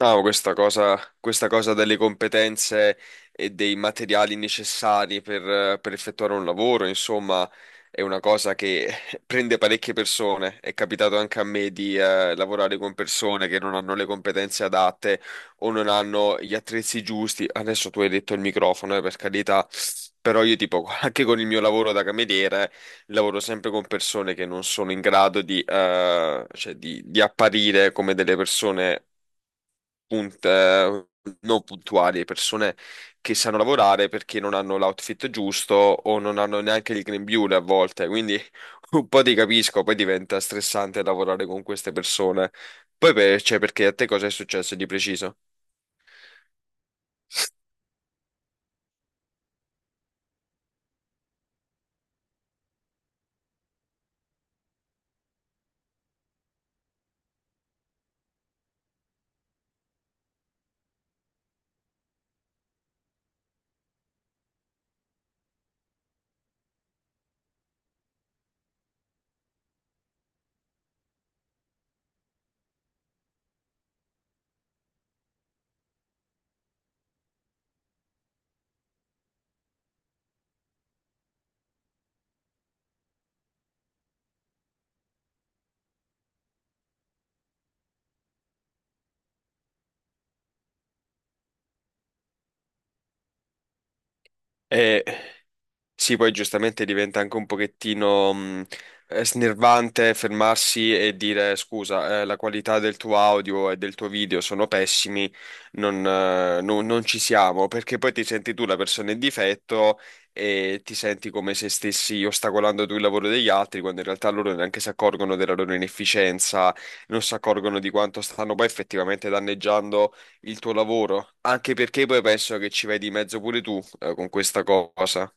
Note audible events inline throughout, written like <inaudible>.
No, questa cosa delle competenze e dei materiali necessari per effettuare un lavoro, insomma, è una cosa che <laughs> prende parecchie persone. È capitato anche a me di lavorare con persone che non hanno le competenze adatte o non hanno gli attrezzi giusti. Adesso tu hai detto il microfono, per carità, però io tipo, <laughs> anche con il mio lavoro da cameriere, lavoro sempre con persone che non sono in grado di, cioè di apparire come delle persone punt- eh, non puntuali, persone che sanno lavorare perché non hanno l'outfit giusto o non hanno neanche il grembiule a volte, quindi <laughs> un po' ti capisco, poi diventa stressante lavorare con queste persone. Cioè, perché a te cosa è successo di preciso? Eh, Sì, poi giustamente diventa anche un pochettino snervante fermarsi e dire scusa, la qualità del tuo audio e del tuo video sono pessimi, non ci siamo, perché poi ti senti tu la persona in difetto e ti senti come se stessi ostacolando tu il lavoro degli altri, quando in realtà loro neanche si accorgono della loro inefficienza, non si accorgono di quanto stanno poi effettivamente danneggiando il tuo lavoro, anche perché poi penso che ci vai di mezzo pure tu, con questa cosa.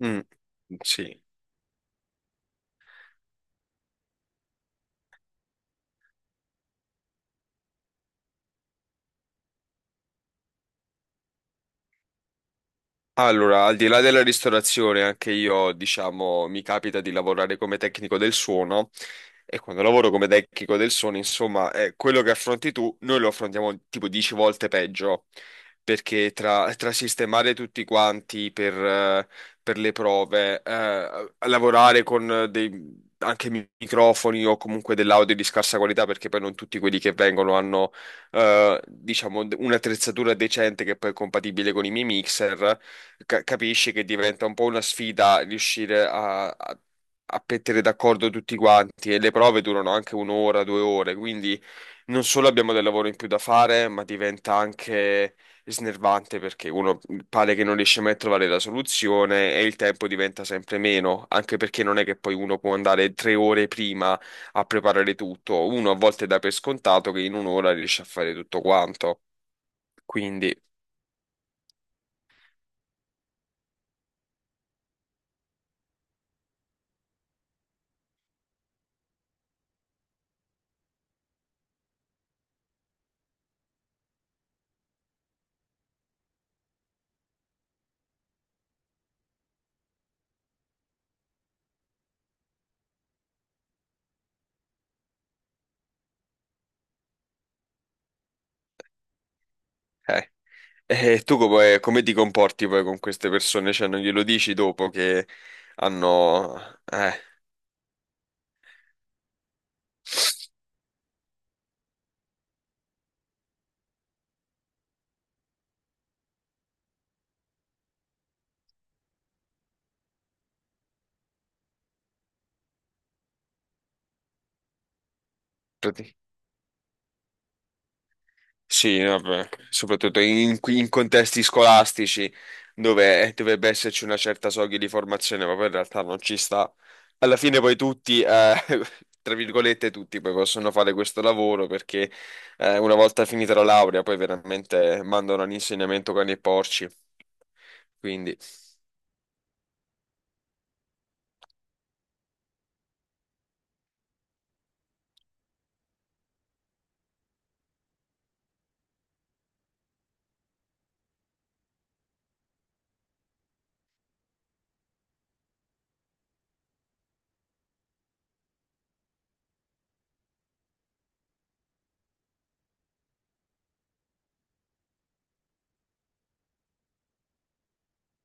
Mm. Sì. Allora, al di là della ristorazione, anche io, diciamo, mi capita di lavorare come tecnico del suono e quando lavoro come tecnico del suono, insomma, quello che affronti tu, noi lo affrontiamo tipo 10 volte peggio, perché tra sistemare tutti quanti per le prove, lavorare con dei... anche microfoni o comunque dell'audio di scarsa qualità, perché poi non tutti quelli che vengono hanno, diciamo, un'attrezzatura decente che poi è compatibile con i miei mixer capisci che diventa un po' una sfida riuscire a mettere d'accordo tutti quanti e le prove durano anche un'ora, due ore, quindi non solo abbiamo del lavoro in più da fare, ma diventa anche snervante perché uno pare che non riesce mai a trovare la soluzione e il tempo diventa sempre meno, anche perché non è che poi uno può andare tre ore prima a preparare tutto, uno a volte dà per scontato che in un'ora riesce a fare tutto quanto, quindi... eh. E tu come, come ti comporti poi con queste persone? Cioè, non glielo dici dopo che hanno... Eh, prati- sì, vabbè, soprattutto in, in contesti scolastici dove dovrebbe esserci una certa soglia di formazione, ma poi in realtà non ci sta. Alla fine poi tutti, <laughs> tra virgolette, tutti poi possono fare questo lavoro perché una volta finita la laurea poi veramente mandano all'insegnamento cani e porci. Quindi,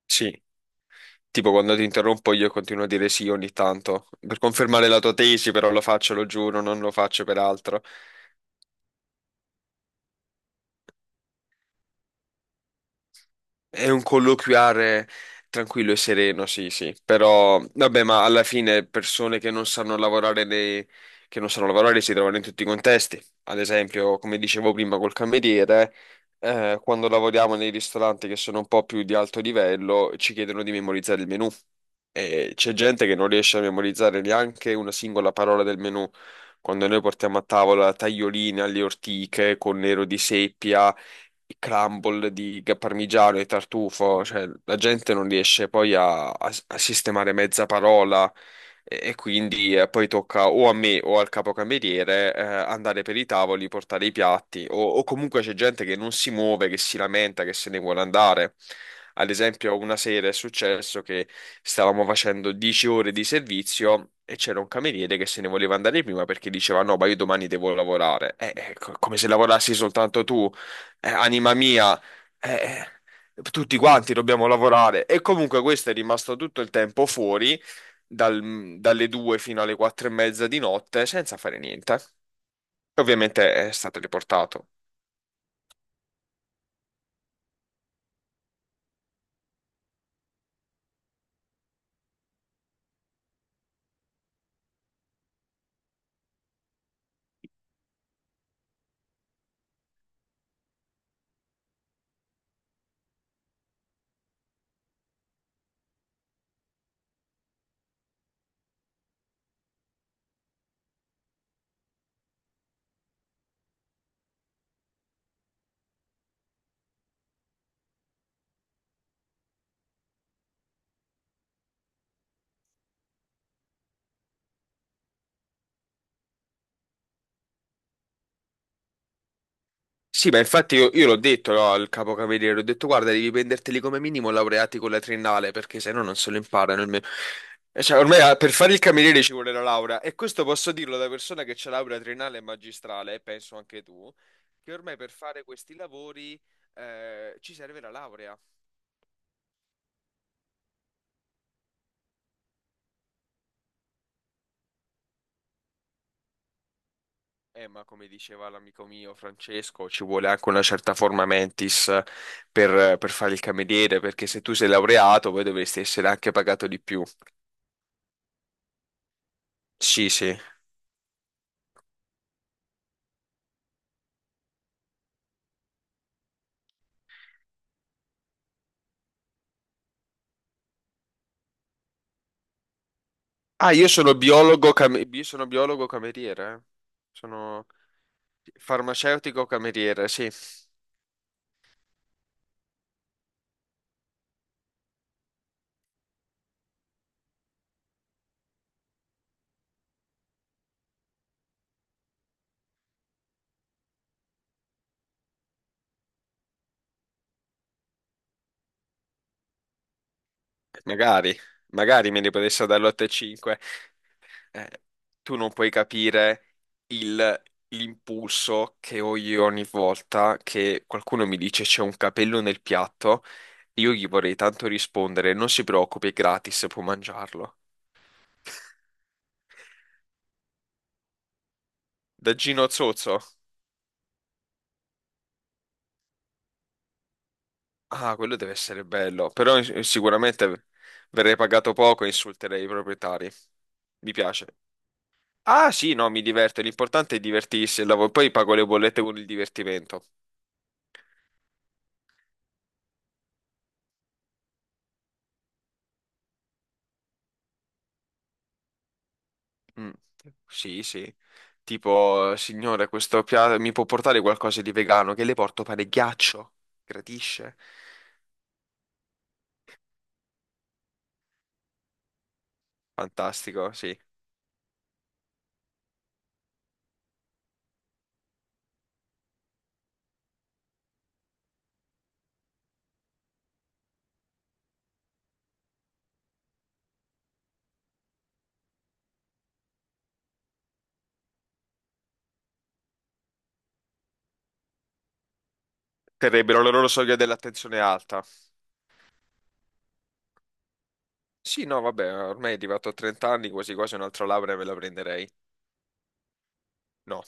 sì. Tipo quando ti interrompo io continuo a dire sì ogni tanto, per confermare la tua tesi, però lo faccio, lo giuro, non lo faccio per altro. È un colloquiare tranquillo e sereno, sì, sì. Però, vabbè, ma alla fine persone che non sanno lavorare, che non sanno lavorare si trovano in tutti i contesti. Ad esempio, come dicevo prima col cameriere, quando lavoriamo nei ristoranti che sono un po' più di alto livello, ci chiedono di memorizzare il menù. E c'è gente che non riesce a memorizzare neanche una singola parola del menù. Quando noi portiamo a tavola taglioline alle ortiche con nero di seppia i crumble di parmigiano e tartufo, cioè la gente non riesce poi a sistemare mezza parola e quindi poi tocca o a me o al capocameriere andare per i tavoli, portare i piatti o comunque c'è gente che non si muove, che si lamenta, che se ne vuole andare. Ad esempio, una sera è successo che stavamo facendo 10 ore di servizio e c'era un cameriere che se ne voleva andare prima perché diceva: No, ma io domani devo lavorare. Come se lavorassi soltanto tu. Anima mia, eh, tutti quanti dobbiamo lavorare. E comunque questo è rimasto tutto il tempo fuori, dalle 2 fino alle 4 e mezza di notte, senza fare niente. Ovviamente è stato riportato. Sì, ma infatti io l'ho detto no, al capocavaliere, ho detto guarda, devi prenderteli come minimo laureati con la triennale, perché se no non se lo imparano. Il me- E Cioè, ormai per fare il cameriere ci vuole la laurea, e questo posso dirlo da persona che c'ha laurea triennale e magistrale, e penso anche tu, che ormai per fare questi lavori ci serve la laurea. Ma come diceva l'amico mio Francesco, ci vuole anche una certa forma mentis per fare il cameriere, perché se tu sei laureato poi dovresti essere anche pagato di più. Sì, sì. Ah, io sono io sono biologo cameriere. Sono farmaceutico cameriere, sì. Magari, magari me li potesse dare l'8,5. Eh, tu non puoi capire il- l'impulso che ho io ogni volta che qualcuno mi dice c'è un capello nel piatto. Io gli vorrei tanto rispondere, non si preoccupi, è gratis, può mangiarlo. <laughs> Da Gino Zozzo. Ah, quello deve essere bello, però sicuramente verrei pagato poco e insulterei i proprietari. Mi piace. Ah, sì, no, mi diverto, l'importante è divertirsi e il lavoro. Poi pago le bollette con il divertimento. Mm. Sì, sì. Tipo, signore, questo piatto mi può portare qualcosa di vegano? Che le porto pane e ghiaccio? Gradisce? Fantastico, sì. Terrebbero la loro soglia dell'attenzione alta. Sì, no, vabbè, ormai è arrivato a 30 anni, quasi quasi un'altra laurea me la prenderei. No.